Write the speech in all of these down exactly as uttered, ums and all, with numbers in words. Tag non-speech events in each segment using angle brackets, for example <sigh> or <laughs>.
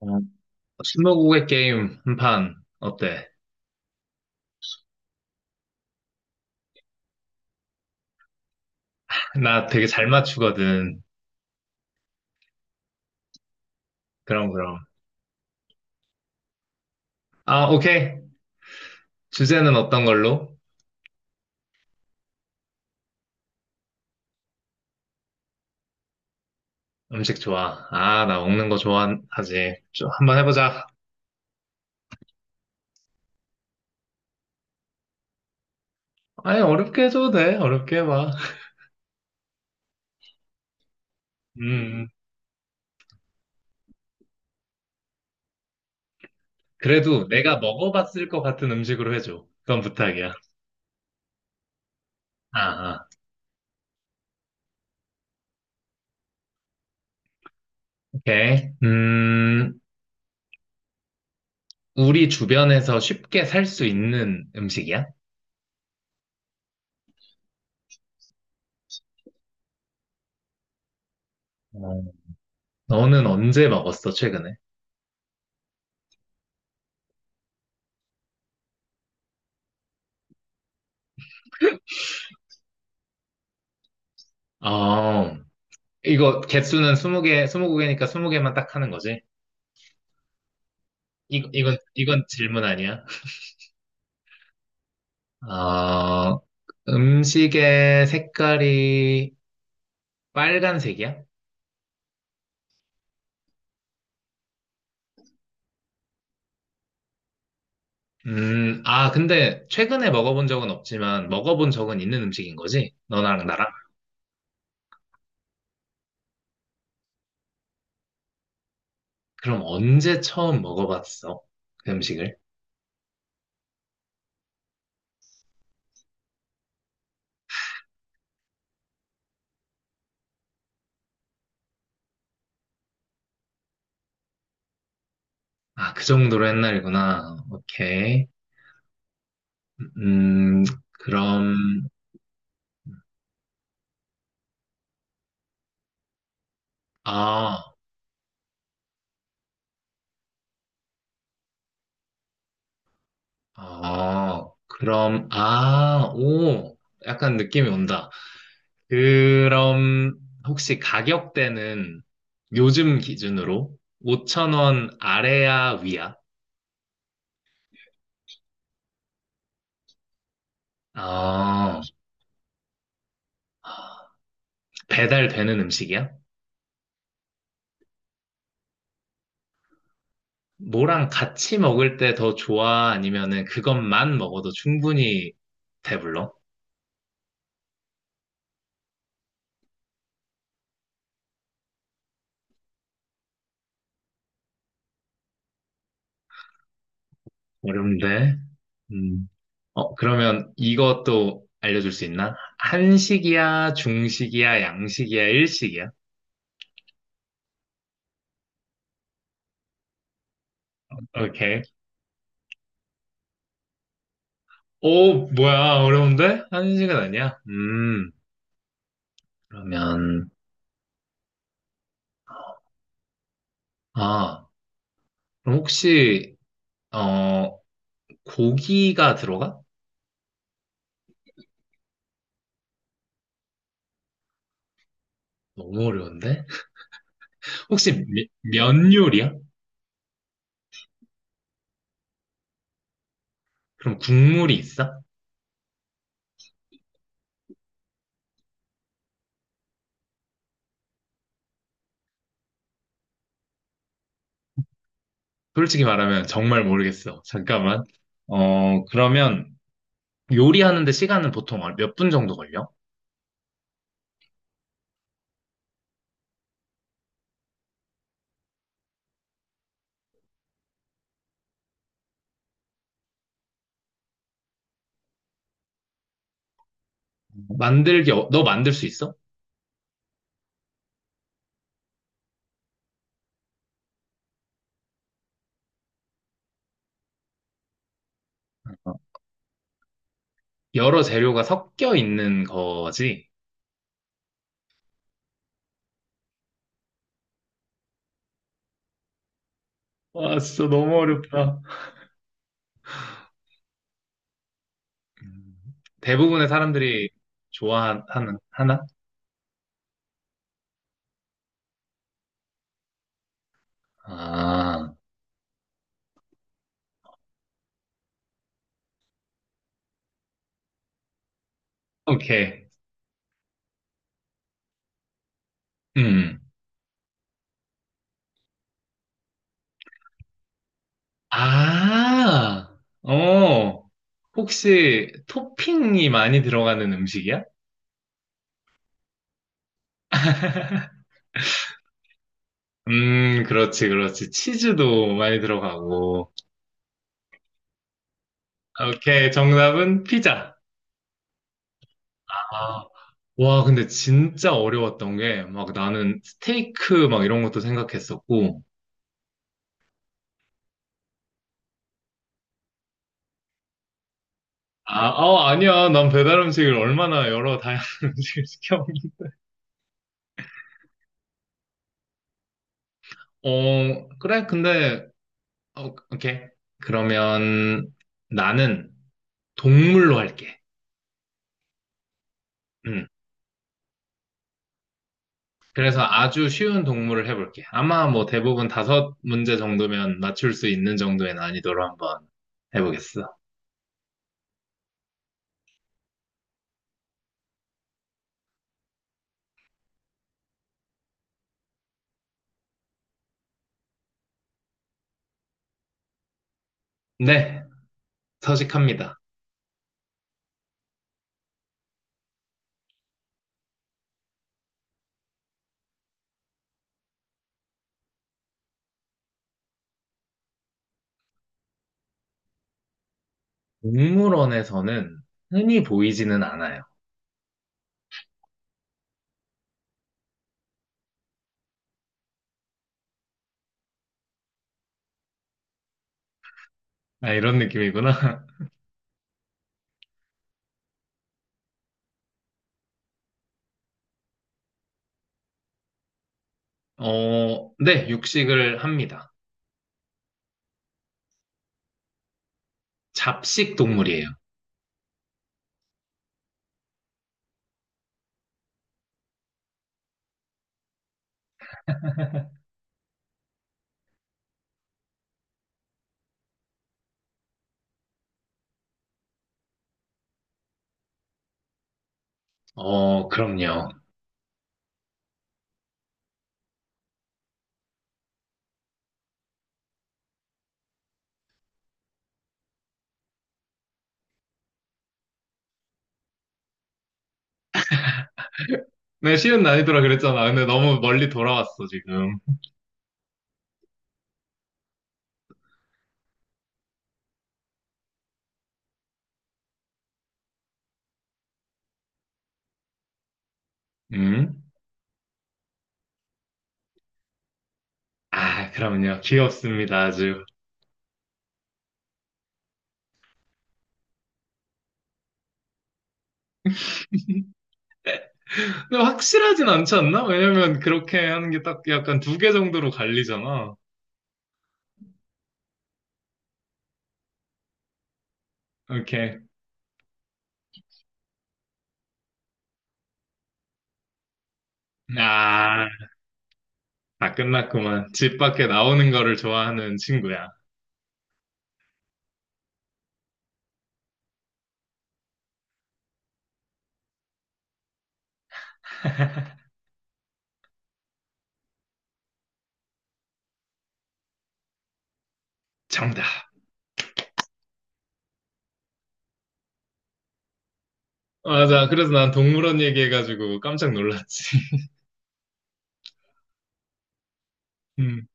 어, 스무고개 게임 한 판 어때? <laughs> 나 되게 잘 맞추거든. 그럼 그럼. 아, 오케이. 주제는 어떤 걸로? 음식 좋아. 아, 나 먹는 거 좋아하지. 좀 한번 해보자. 아니, 어렵게 해줘도 돼. 어렵게 해봐. 음, 음. 그래도 내가 먹어봤을 것 같은 음식으로 해줘. 그건 부탁이야. 아, 아, 오케이. 음, 우리 주변에서 쉽게 살 수 있는 음식이야? 어. 너는 언제 먹었어, 최근에? 아, 이거 개수는 스무 개, 스무 개니까 스무 개만 딱 하는 거지? 이, 이건, 이건 질문 아니야? 어, 음식의 색깔이 빨간색이야? 음, 아, 근데 최근에 먹어본 적은 없지만 먹어본 적은 있는 음식인 거지? 너랑 나랑? 그럼 언제 처음 먹어봤어? 그 음식을? 아, 그 정도로 옛날이구나. 오케이. 음, 그럼, 아, 아, 그럼, 아, 오, 약간 느낌이 온다. 그럼 혹시 가격대는 요즘 기준으로 오천 원 아래야 위야? 아, 배달되는 음식이야? 뭐랑 같이 먹을 때 더 좋아? 아니면은 그것만 먹어도 충분히 배불러? 어려운데. 음. 어, 그러면 이것도 알려줄 수 있나? 한식이야, 중식이야, 양식이야, 일식이야? 오케이. 오, 뭐야, 어려운데? 한식은 아니야? 음, 그러면. 아, 그럼 혹시, 어, 고기가 들어가? 너무 어려운데? 혹시 미- 면 요리야? 그럼 국물이 있어? 솔직히 말하면 정말 모르겠어. 잠깐만. 어, 그러면 요리하는데 시간은 보통 몇 분 정도 걸려? 만들기, 어- 너 만들 수 있어? 여러 재료가 섞여 있는 거지? 와, 진짜 너무 어렵다. 음, 대부분의 사람들이 좋아하는, 하나? 아, 오케이. 음. 아, 어, 혹시 토핑이 많이 들어가는 음식이야? 음, 그렇지, 그렇지. 치즈도 많이 들어가고. 오케이, 정답은 피자. 아, 와, 근데 진짜 어려웠던 게, 막 나는 스테이크 막 이런 것도 생각했었고. 아, 어, 아니야. 난 배달 음식을 얼마나 여러 다양한 <laughs> 음식을 시켜 먹는 어, 그래, 근데, 어, 오케이. 그러면 나는 동물로 할게. 음. 그래서 아주 쉬운 동물을 해볼게. 아마 뭐 대부분 다섯 문제 정도면 맞출 수 있는 정도의 난이도로 한번 해보겠어. 네, 서식합니다. 동물원에서는 흔히 보이지는 않아요. 아, 이런 느낌이구나. <laughs> 어, 네, 육식을 합니다. 잡식 동물이에요. 어, 그럼요. 네, 쉬운 난이도라 그랬잖아. 근데 너무 멀리 돌아왔어, 지금. 음? 아, 그럼요. 귀엽습니다, 아주. 근데 확실하진 않지 않나? 왜냐면 그렇게 하는 게 딱 약간 두 개 정도로 갈리잖아. 이렇게. 아, 다 끝났구만. 집 밖에 나오는 거를 좋아하는 친구야. 정답. 맞아. 그래서 난 동물원 얘기해가지고 깜짝 놀랐지. <laughs> 음,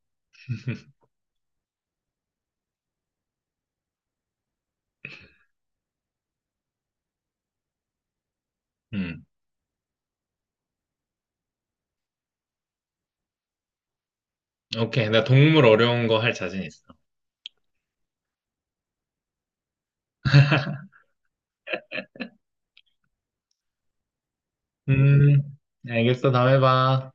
음. 오케이. 나 동물 어려운 거 할 자신 있어. 음, 알겠어. 다음에 봐.